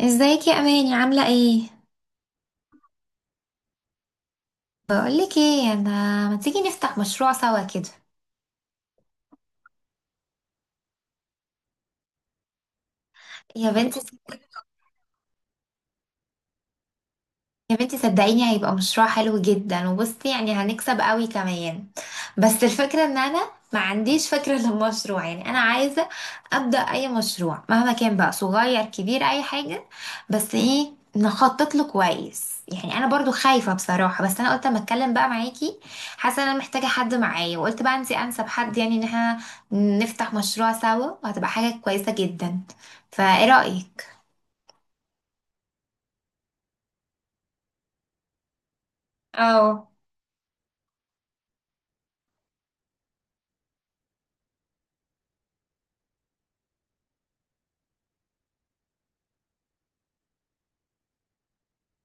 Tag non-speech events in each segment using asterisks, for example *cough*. ازيك يا اماني عامله ايه؟ بقولك ايه انا، ما تيجي نفتح مشروع سوا كده؟ يا بنتي، يا بنتي صدقيني هيبقى مشروع حلو جدا، وبصي يعني هنكسب قوي كمان. بس الفكرة ان انا ما عنديش فكرة *laughs* للمشروع، يعني انا عايزة ابدأ اي مشروع مهما كان بقى، صغير كبير اي حاجة، بس ايه نخطط له كويس. يعني انا برضو خايفة بصراحة، بس انا قلت اما اتكلم بقى معاكي. حاسة ان انا محتاجة حد معايا، وقلت بقى انتي انسب حد، يعني ان احنا نفتح مشروع سوا وهتبقى حاجة كويسة جدا. فايه رأيك؟ اه.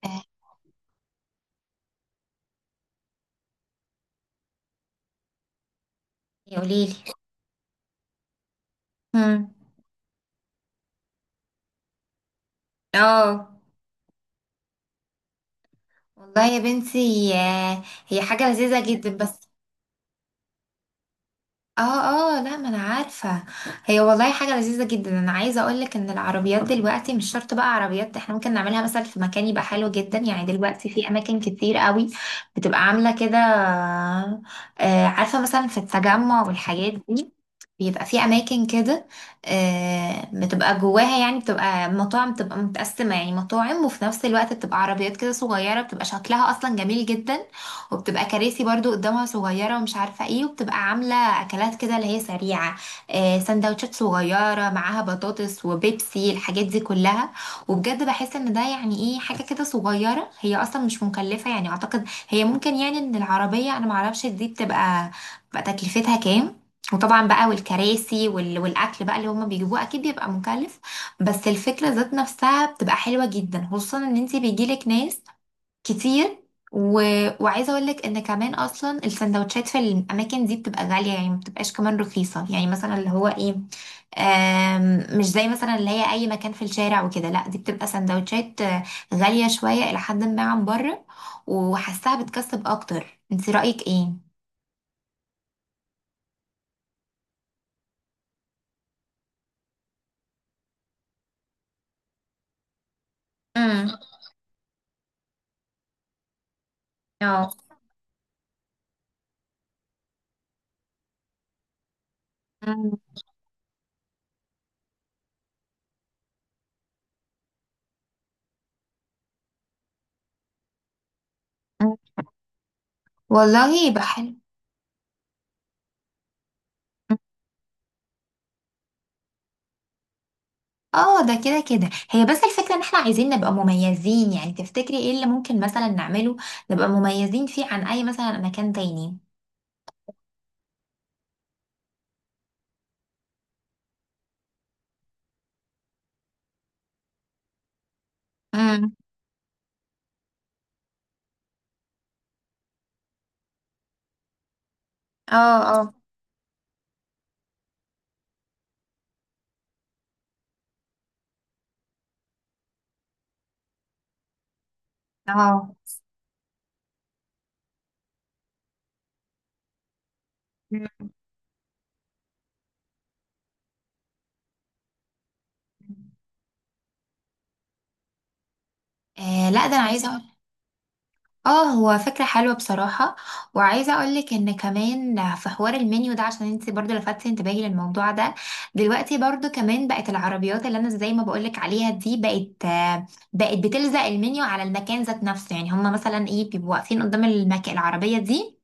آه، قوليلي. مم. اه، والله يا بنتي هي حاجة لذيذة جدا بس. اه. اه لا، ما انا عارفة، هي والله حاجة لذيذة جدا. انا عايزة اقولك ان العربيات دلوقتي مش شرط بقى عربيات، احنا ممكن نعملها مثلا في مكان يبقى حلو جدا. يعني دلوقتي في اماكن كتير قوي بتبقى عاملة كده. آه، عارفة مثلا في التجمع والحاجات دي، بيبقى في اماكن كده، آه، بتبقى جواها يعني بتبقى مطاعم، بتبقى متقسمة يعني مطاعم وفي نفس الوقت بتبقى عربيات كده صغيرة، بتبقى شكلها اصلا جميل جدا. وبتبقى كراسي برضو قدامها صغيرة، ومش عارفة ايه، وبتبقى عاملة اكلات كده اللي هي سريعة. آه، سندوتشات صغيرة معاها بطاطس وبيبسي، الحاجات دي كلها. وبجد بحس ان ده يعني ايه، حاجة كده صغيرة هي اصلا مش مكلفة. يعني اعتقد هي ممكن، يعني ان العربية انا معرفش دي بتبقى تكلفتها كام. وطبعا بقى والكراسي والاكل بقى اللي هما بيجيبوه اكيد بيبقى مكلف، بس الفكرة ذات نفسها بتبقى حلوة جدا، خصوصا ان انتي بيجيلك ناس كتير. و... وعايزه اقول لك ان كمان اصلا السندوتشات في الاماكن دي بتبقى غاليه، يعني ما بتبقاش كمان رخيصه، يعني مثلا اللي هو ايه، مش زي مثلا اللي هي اي مكان في الشارع وكده. لا، دي بتبقى سندوتشات غاليه شويه الى حد ما عن بره، وحاساها بتكسب اكتر. انت رايك ايه؟ امم اه. مم. والله يبقى حلو. اه، ده كده كده. هي بس الفكرة ان احنا عايزين نبقى مميزين، يعني تفتكري ايه اللي ممكن مثلا نعمله نبقى مميزين فيه عن اي مثلا مكان تاني؟ امم اه. اه. اه. مم. آه لا، ده انا عايزه. اه، هو فكرة حلوة بصراحة. وعايزة اقولك ان كمان في حوار المنيو ده، عشان انت برضو لفتت انتباهي للموضوع ده. دلوقتي برضو كمان بقت العربيات اللي انا زي ما بقولك عليها دي، بقت بقت بتلزق المنيو على المكان ذات نفسه، يعني هما مثلا ايه بيبقوا واقفين قدام العربية دي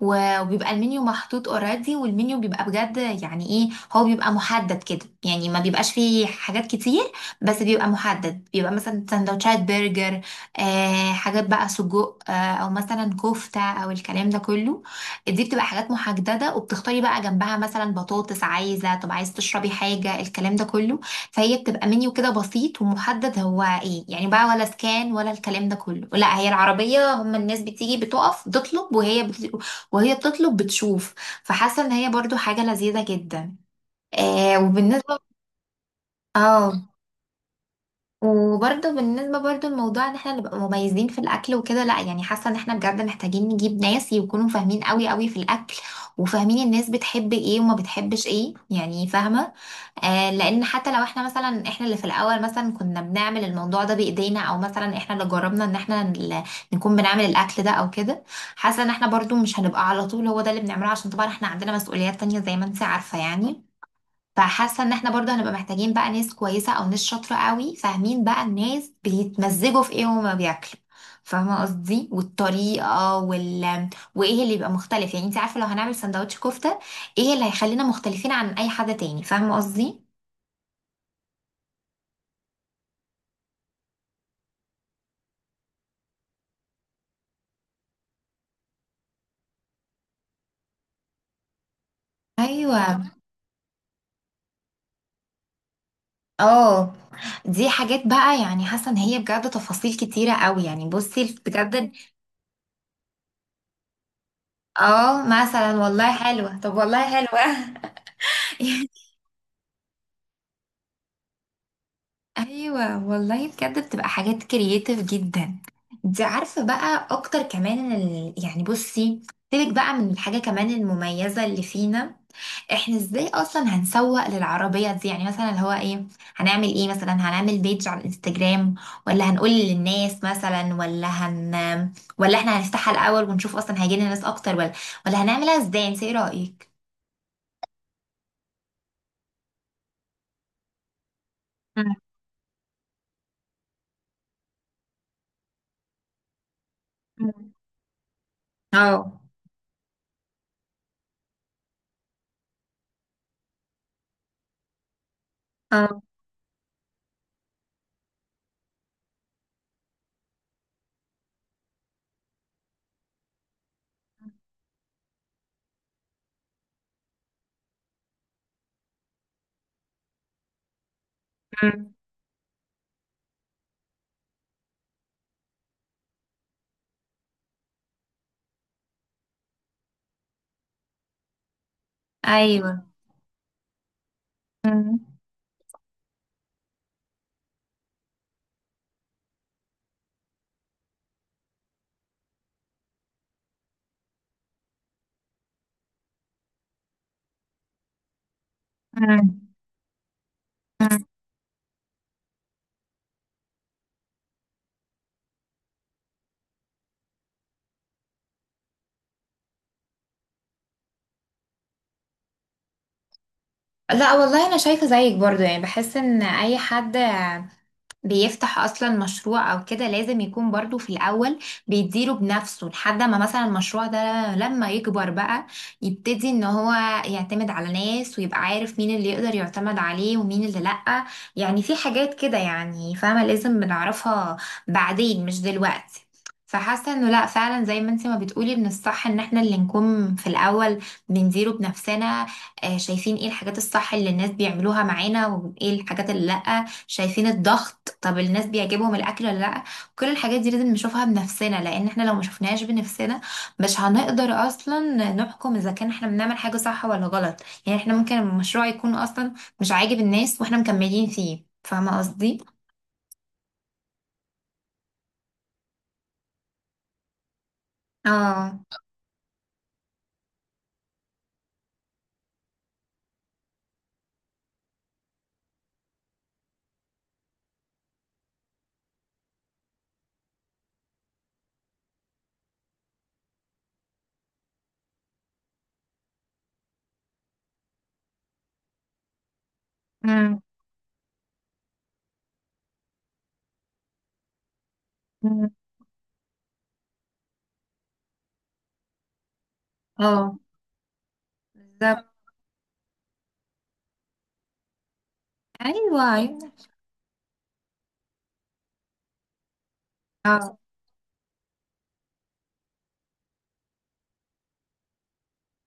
وبيبقى المنيو محطوط اوريدي. والمنيو بيبقى بجد يعني ايه، هو بيبقى محدد كده يعني ما بيبقاش فيه حاجات كتير، بس بيبقى محدد. بيبقى مثلا سندوتشات برجر، آه، حاجات بقى سجق، آه، او مثلا كفتة او الكلام ده كله. دي بتبقى حاجات محددة، وبتختاري بقى جنبها مثلا بطاطس، عايزة طب عايز تشربي حاجة، الكلام ده كله. فهي بتبقى منيو كده بسيط ومحدد هو ايه يعني بقى. ولا سكان ولا الكلام ده كله، لا هي العربية، هم الناس بتيجي بتقف بتطلب وهي بتطلب بتشوف. فحاسه ان هي برضو حاجه لذيذه جدا. آه. وبالنسبه، اه. وبرضه بالنسبة برضه لموضوع ان احنا نبقى مميزين في الاكل وكده، لا يعني حاسة ان احنا بجد محتاجين نجيب ناس يكونوا فاهمين قوي قوي في الاكل، وفاهمين الناس بتحب ايه وما بتحبش ايه. يعني فاهمة، آه، لان حتى لو احنا مثلا، احنا اللي في الاول مثلا كنا بنعمل الموضوع ده بايدينا، او مثلا احنا اللي جربنا ان احنا نكون بنعمل الاكل ده او كده. حاسة ان احنا برضه مش هنبقى على طول هو ده اللي بنعمله، عشان طبعا احنا عندنا مسؤوليات تانية زي ما انت عارفة يعني. فحاسه ان احنا برضه هنبقى محتاجين بقى ناس كويسه او ناس شاطره قوي، فاهمين بقى الناس بيتمزجوا في ايه وهما بياكلوا. فاهمه قصدي، والطريقه وايه اللي يبقى مختلف. يعني انت عارفه لو هنعمل سندوتش كفته، ايه اللي هيخلينا مختلفين عن اي حد تاني؟ فاهمه قصدي. ايوه. اه. دي حاجات بقى يعني حاسه ان هي بجد تفاصيل كتيره قوي. يعني بصي بجد. اه مثلا والله حلوه، طب والله حلوه. *laughs* ايوه والله بجد بتبقى حاجات كرييتيف جدا. انت عارفه بقى اكتر كمان يعني بصي، سيبك بقى من الحاجه كمان المميزه اللي فينا، احنا ازاي اصلا هنسوق للعربيه دي. يعني مثلا اللي هو ايه، هنعمل ايه؟ مثلا هنعمل بيج على الانستجرام، ولا هنقول للناس مثلا، ولا احنا هنفتحها الاول ونشوف اصلا هيجي لنا ناس اكتر، ولا ولا هنعملها ازاي؟ انت ايه رايك؟ مم. مم. اه. اه. مم. ايوه. مم. مم. لا والله انا شايفه زيك برضو. يعني بحس ان اي حد بيفتح اصلا مشروع او كده لازم يكون برضو في الاول بيديره بنفسه، لحد ما مثلا المشروع ده لما يكبر بقى يبتدي ان هو يعتمد على ناس، ويبقى عارف مين اللي يقدر يعتمد عليه ومين اللي لأ. يعني في حاجات كده يعني فاهمة لازم بنعرفها بعدين مش دلوقتي. فحاسة انه لا، فعلا زي ما انت ما بتقولي من الصح ان احنا اللي نكون في الاول بنديره بنفسنا. شايفين ايه الحاجات الصح اللي الناس بيعملوها معانا وايه الحاجات اللي لأ، شايفين الضغط، طب الناس بيعجبهم الاكل ولا لا. كل الحاجات دي لازم نشوفها بنفسنا، لان احنا لو ما شفناهاش بنفسنا مش هنقدر اصلا نحكم اذا كان احنا بنعمل حاجة صح ولا غلط. يعني احنا ممكن المشروع يكون اصلا مش عاجب الناس واحنا مكملين فيه، فاهمة قصدي. اه. امم اه. بالظبط. ايوه، أيوة. اه،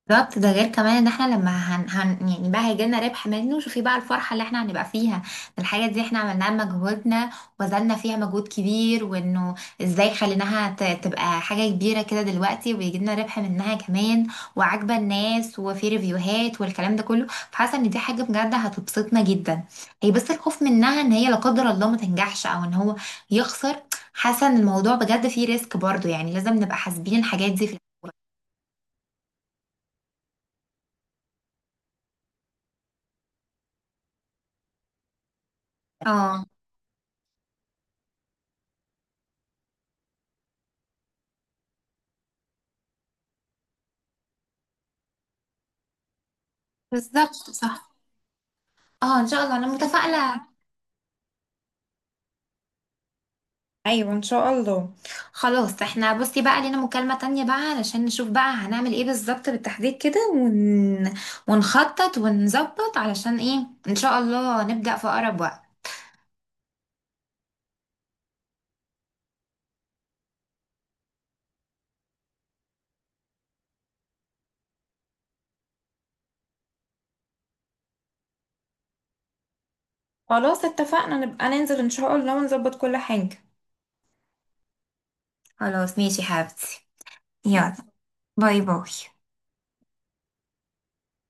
بالظبط. ده غير كمان ان احنا لما هن, هن يعني بقى هيجيلنا ربح منه، شوفي بقى الفرحة اللي احنا هنبقى فيها. الحاجة دي احنا عملناها بمجهودنا، وبذلنا فيها مجهود كبير، وانه ازاي خليناها تبقى حاجة كبيرة كده دلوقتي، وبيجيلنا ربح منها كمان، وعاجبة الناس، وفي ريفيوهات والكلام ده كله. فحاسة ان دي حاجة بجد هتبسطنا جدا. هي بس الخوف منها ان هي لا قدر الله ما تنجحش او ان هو يخسر. حاسة ان الموضوع بجد فيه ريسك برضو، يعني لازم نبقى حاسبين الحاجات دي في الأول. اه، بالظبط صح. اه ان شاء الله انا متفائله. ايوه ان شاء الله. خلاص احنا بصي بقى لينا مكالمه تانية بقى، علشان نشوف بقى هنعمل ايه بالظبط بالتحديد كده ونخطط ونظبط علشان ايه ان شاء الله نبدا في اقرب وقت. خلاص اتفقنا، نبقى ننزل ان شاء الله ونظبط كل حاجة. خلاص ماشي يا حبيبتي، يلا، باي باي.